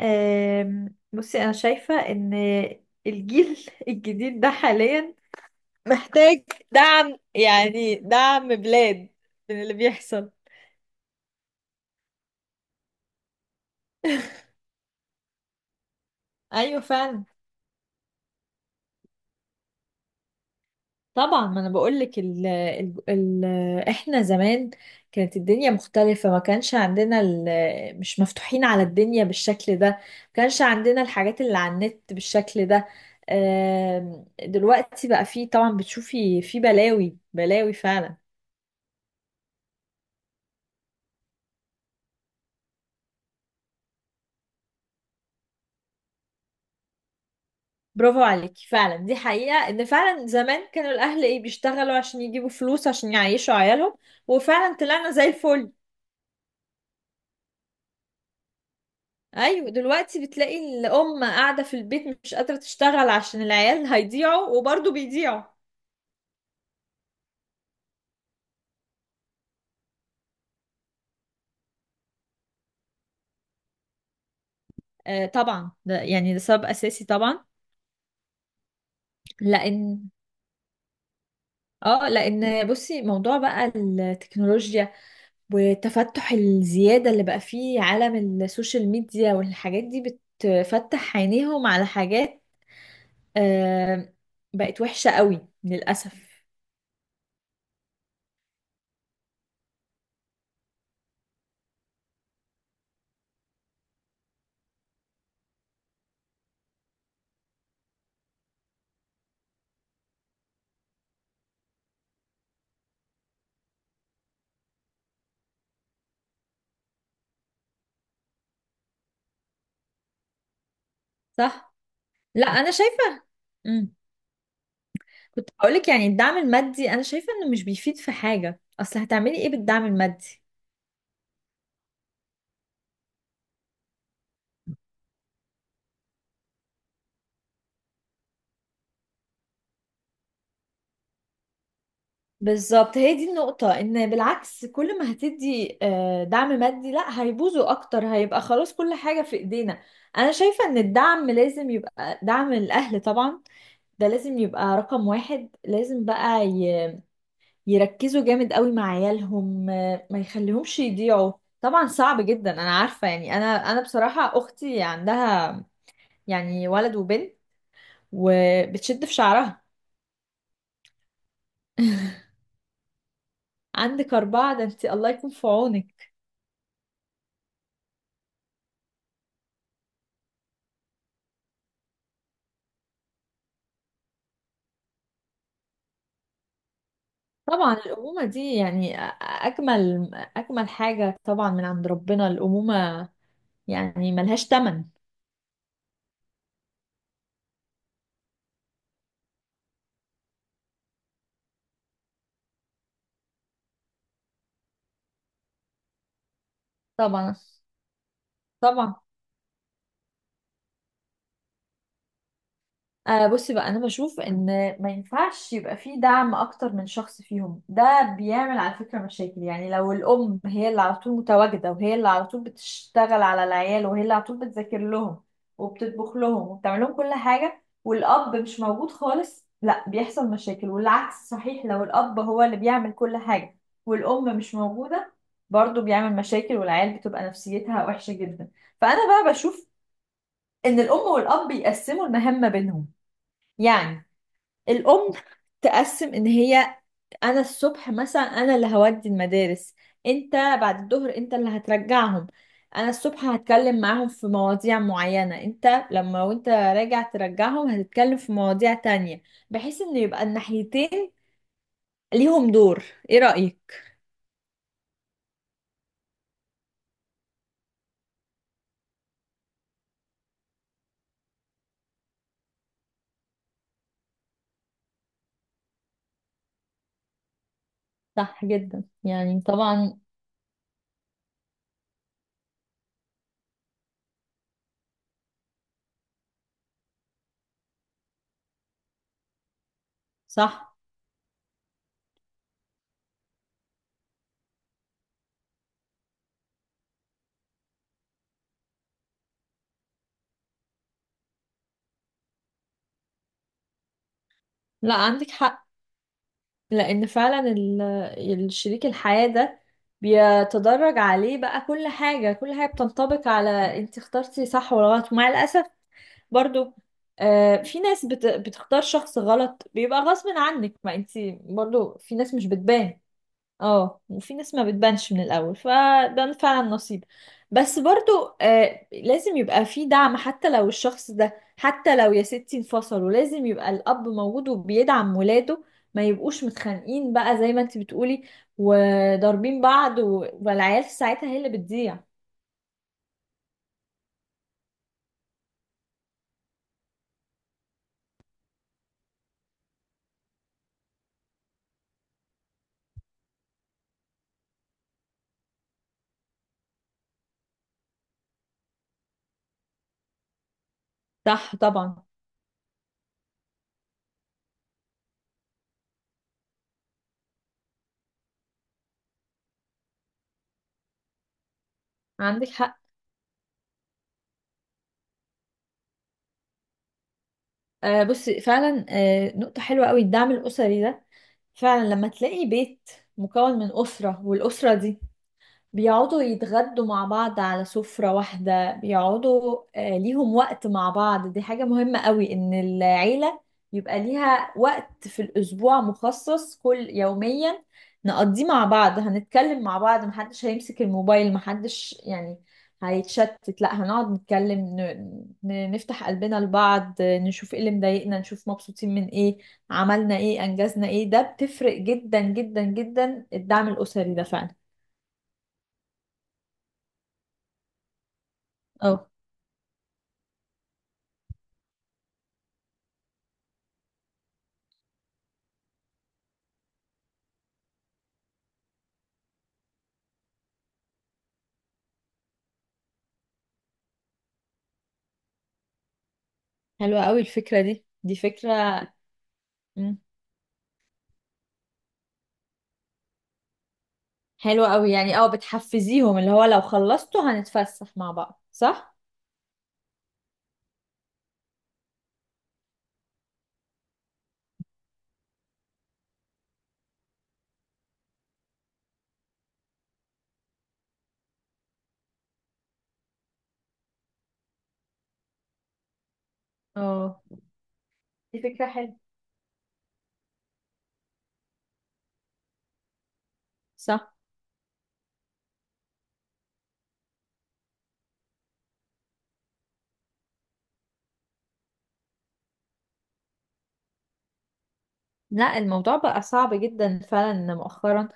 بصي، انا شايفة ان الجيل الجديد ده حاليا محتاج دعم، يعني دعم بلاد من اللي بيحصل. ايوه، فعلا. طبعا، ما انا بقول لك، ال ال ال احنا زمان كانت الدنيا مختلفة، ما كانش عندنا مش مفتوحين على الدنيا بالشكل ده، ما كانش عندنا الحاجات اللي على النت بالشكل ده. دلوقتي بقى فيه، طبعا بتشوفي، فيه بلاوي بلاوي فعلا. برافو عليكي، فعلا دي حقيقة، ان فعلا زمان كانوا الاهل ايه بيشتغلوا عشان يجيبوا فلوس عشان يعيشوا عيالهم، وفعلا طلعنا زي الفل. ايوه، دلوقتي بتلاقي الام قاعدة في البيت مش قادرة تشتغل عشان العيال هيضيعوا، وبرضه بيضيعوا. آه طبعا، ده يعني ده سبب اساسي طبعا. لان اه لان بصي، موضوع بقى التكنولوجيا والتفتح الزيادة اللي بقى فيه عالم السوشيال ميديا، والحاجات دي بتفتح عينيهم على حاجات آه بقت وحشة قوي للأسف. صح. لا أنا شايفة. مم. كنت هقولك، يعني الدعم المادي أنا شايفة إنه مش بيفيد في حاجة، أصل هتعملي إيه بالدعم المادي؟ بالظبط، هي دي النقطة، إن بالعكس كل ما هتدي دعم مادي لا هيبوظوا أكتر، هيبقى خلاص كل حاجة في إيدينا. أنا شايفة إن الدعم لازم يبقى دعم الأهل طبعا، ده لازم يبقى رقم واحد. لازم بقى يركزوا جامد قوي مع عيالهم، ما يخليهمش يضيعوا. طبعا صعب جدا، انا عارفة، يعني انا بصراحة اختي عندها يعني ولد وبنت، وبتشد في شعرها. عندك أربعة، ده انت الله يكون في عونك. طبعا الأمومة دي، يعني أجمل حاجة طبعا من عند ربنا الأمومة، يعني ملهاش تمن. طبعا. طبعا آه، بصي بقى انا بشوف ان ما ينفعش يبقى فيه دعم اكتر من شخص فيهم، ده بيعمل على فكرة مشاكل. يعني لو الام هي اللي على طول متواجدة، وهي اللي على طول بتشتغل على العيال، وهي اللي على طول بتذاكر لهم وبتطبخ لهم وبتعمل لهم كل حاجة، والاب مش موجود خالص، لا بيحصل مشاكل. والعكس صحيح، لو الاب هو اللي بيعمل كل حاجة والام مش موجودة، برضه بيعمل مشاكل، والعيال بتبقى نفسيتها وحشة جدا. فانا بقى بشوف ان الام والاب بيقسموا المهمة بينهم، يعني الأم تقسم إن هي، أنا الصبح مثلا أنا اللي هودي المدارس، أنت بعد الظهر أنت اللي هترجعهم. أنا الصبح هتكلم معاهم في مواضيع معينة، أنت لما وأنت راجع ترجعهم هتتكلم في مواضيع تانية، بحيث إن يبقى الناحيتين ليهم دور. إيه رأيك؟ صح جدا، يعني طبعا. صح. لا عندك حق، لان فعلا الشريك الحياة ده بيتدرج عليه بقى كل حاجة، كل حاجة بتنطبق على انت اخترتي صح ولا غلط. ومع الأسف برضو، في ناس بتختار شخص غلط، بيبقى غصب عنك، ما انت برضو في ناس مش بتبان. اه، وفي ناس ما بتبانش من الاول، فده فعلا نصيب. بس برضو آه، لازم يبقى في دعم. حتى لو الشخص ده، حتى لو يا ستي انفصلوا، لازم يبقى الاب موجود وبيدعم ولاده، ما يبقوش متخانقين بقى زي ما انت بتقولي، وضاربين بعض، والعيال في ساعتها هي اللي بتضيع. صح طبعا. عندك حق. آه بصي، فعلا نقطة حلوة قوي الدعم الأسري ده. فعلا لما تلاقي بيت مكون من أسرة، والأسرة دي بيقعدوا يتغدوا مع بعض على سفرة واحدة، بيقعدوا، ليهم وقت مع بعض، دي حاجة مهمة قوي، ان العيلة يبقى ليها وقت في الأسبوع مخصص كل يوميا نقضيه مع بعض، هنتكلم مع بعض، محدش هيمسك الموبايل، محدش يعني هيتشتت، لا هنقعد نتكلم نفتح قلبنا لبعض، نشوف ايه اللي مضايقنا، نشوف مبسوطين من ايه، عملنا ايه، انجزنا ايه. ده بتفرق جدا جدا جدا الدعم الأسري ده فعلا. اه حلوة قوي الفكرة دي فكرة. مم. حلوة قوي، يعني اه بتحفزيهم اللي هو لو خلصتوا هنتفسح مع بعض، صح؟ اه دي فكرة حلوة. صح. لا الموضوع بقى صعب جدا فعلا مؤخرا،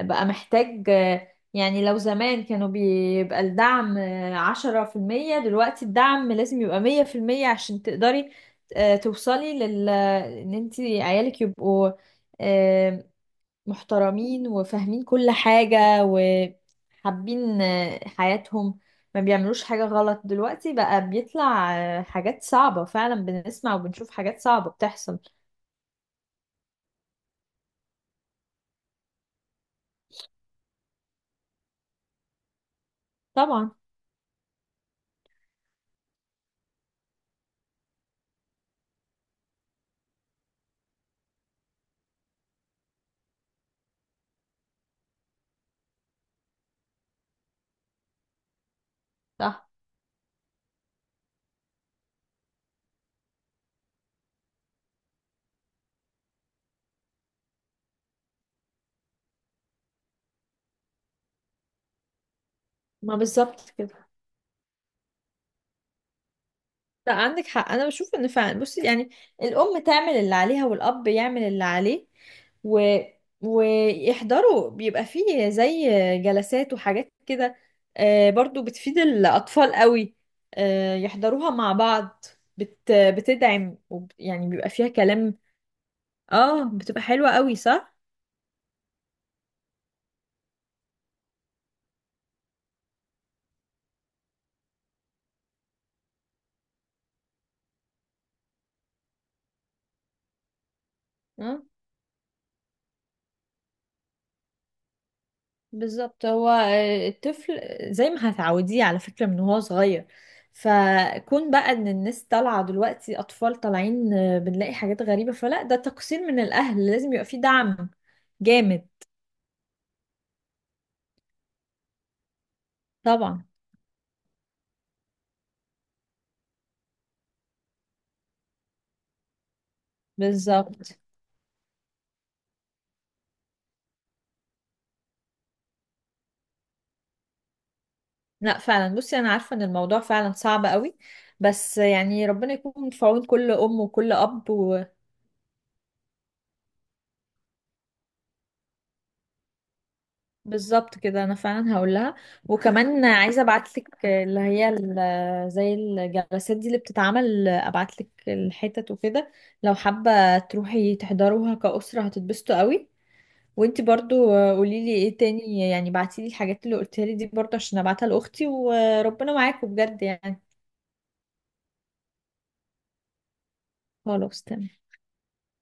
بقى محتاج، يعني لو زمان كانوا بيبقى الدعم 10%، دلوقتي الدعم لازم يبقى 100%، عشان تقدري توصلي لل ان انتي عيالك يبقوا محترمين وفاهمين كل حاجة، وحابين حياتهم، ما بيعملوش حاجة غلط. دلوقتي بقى بيطلع حاجات صعبة فعلا، بنسمع وبنشوف حاجات صعبة بتحصل. طبعا. صح. ما بالظبط كده. لا عندك حق، انا بشوف ان فعلا، بصي يعني الام تعمل اللي عليها والاب يعمل اللي عليه، و... ويحضروا، بيبقى فيه زي جلسات وحاجات كده، برضو بتفيد الاطفال قوي، يحضروها مع بعض، بتدعم يعني بيبقى فيها كلام. اه بتبقى حلوة قوي، صح. آه. بالظبط، هو الطفل زي ما هتعوديه على فكرة من وهو صغير، فكون بقى ان الناس طالعة دلوقتي اطفال طالعين، بنلاقي حاجات غريبة، فلا ده تقصير من الاهل، لازم يبقى فيه دعم جامد. طبعا. بالظبط. لا فعلا، بصي انا عارفة ان الموضوع فعلا صعب قوي، بس يعني ربنا يكون في عون كل ام وكل اب. بالظبط كده، انا فعلا هقول لها. وكمان عايزه ابعت لك اللي هي زي الجلسات دي اللي بتتعمل، ابعت لك الحتت وكده، لو حابه تروحي تحضروها كأسره هتتبسطوا قوي. وانتي برضو قولي لي ايه تاني، يعني بعتي لي الحاجات اللي قلتها لي دي برضو عشان ابعتها لاختي، وربنا معاكم بجد يعني. خلاص تمام.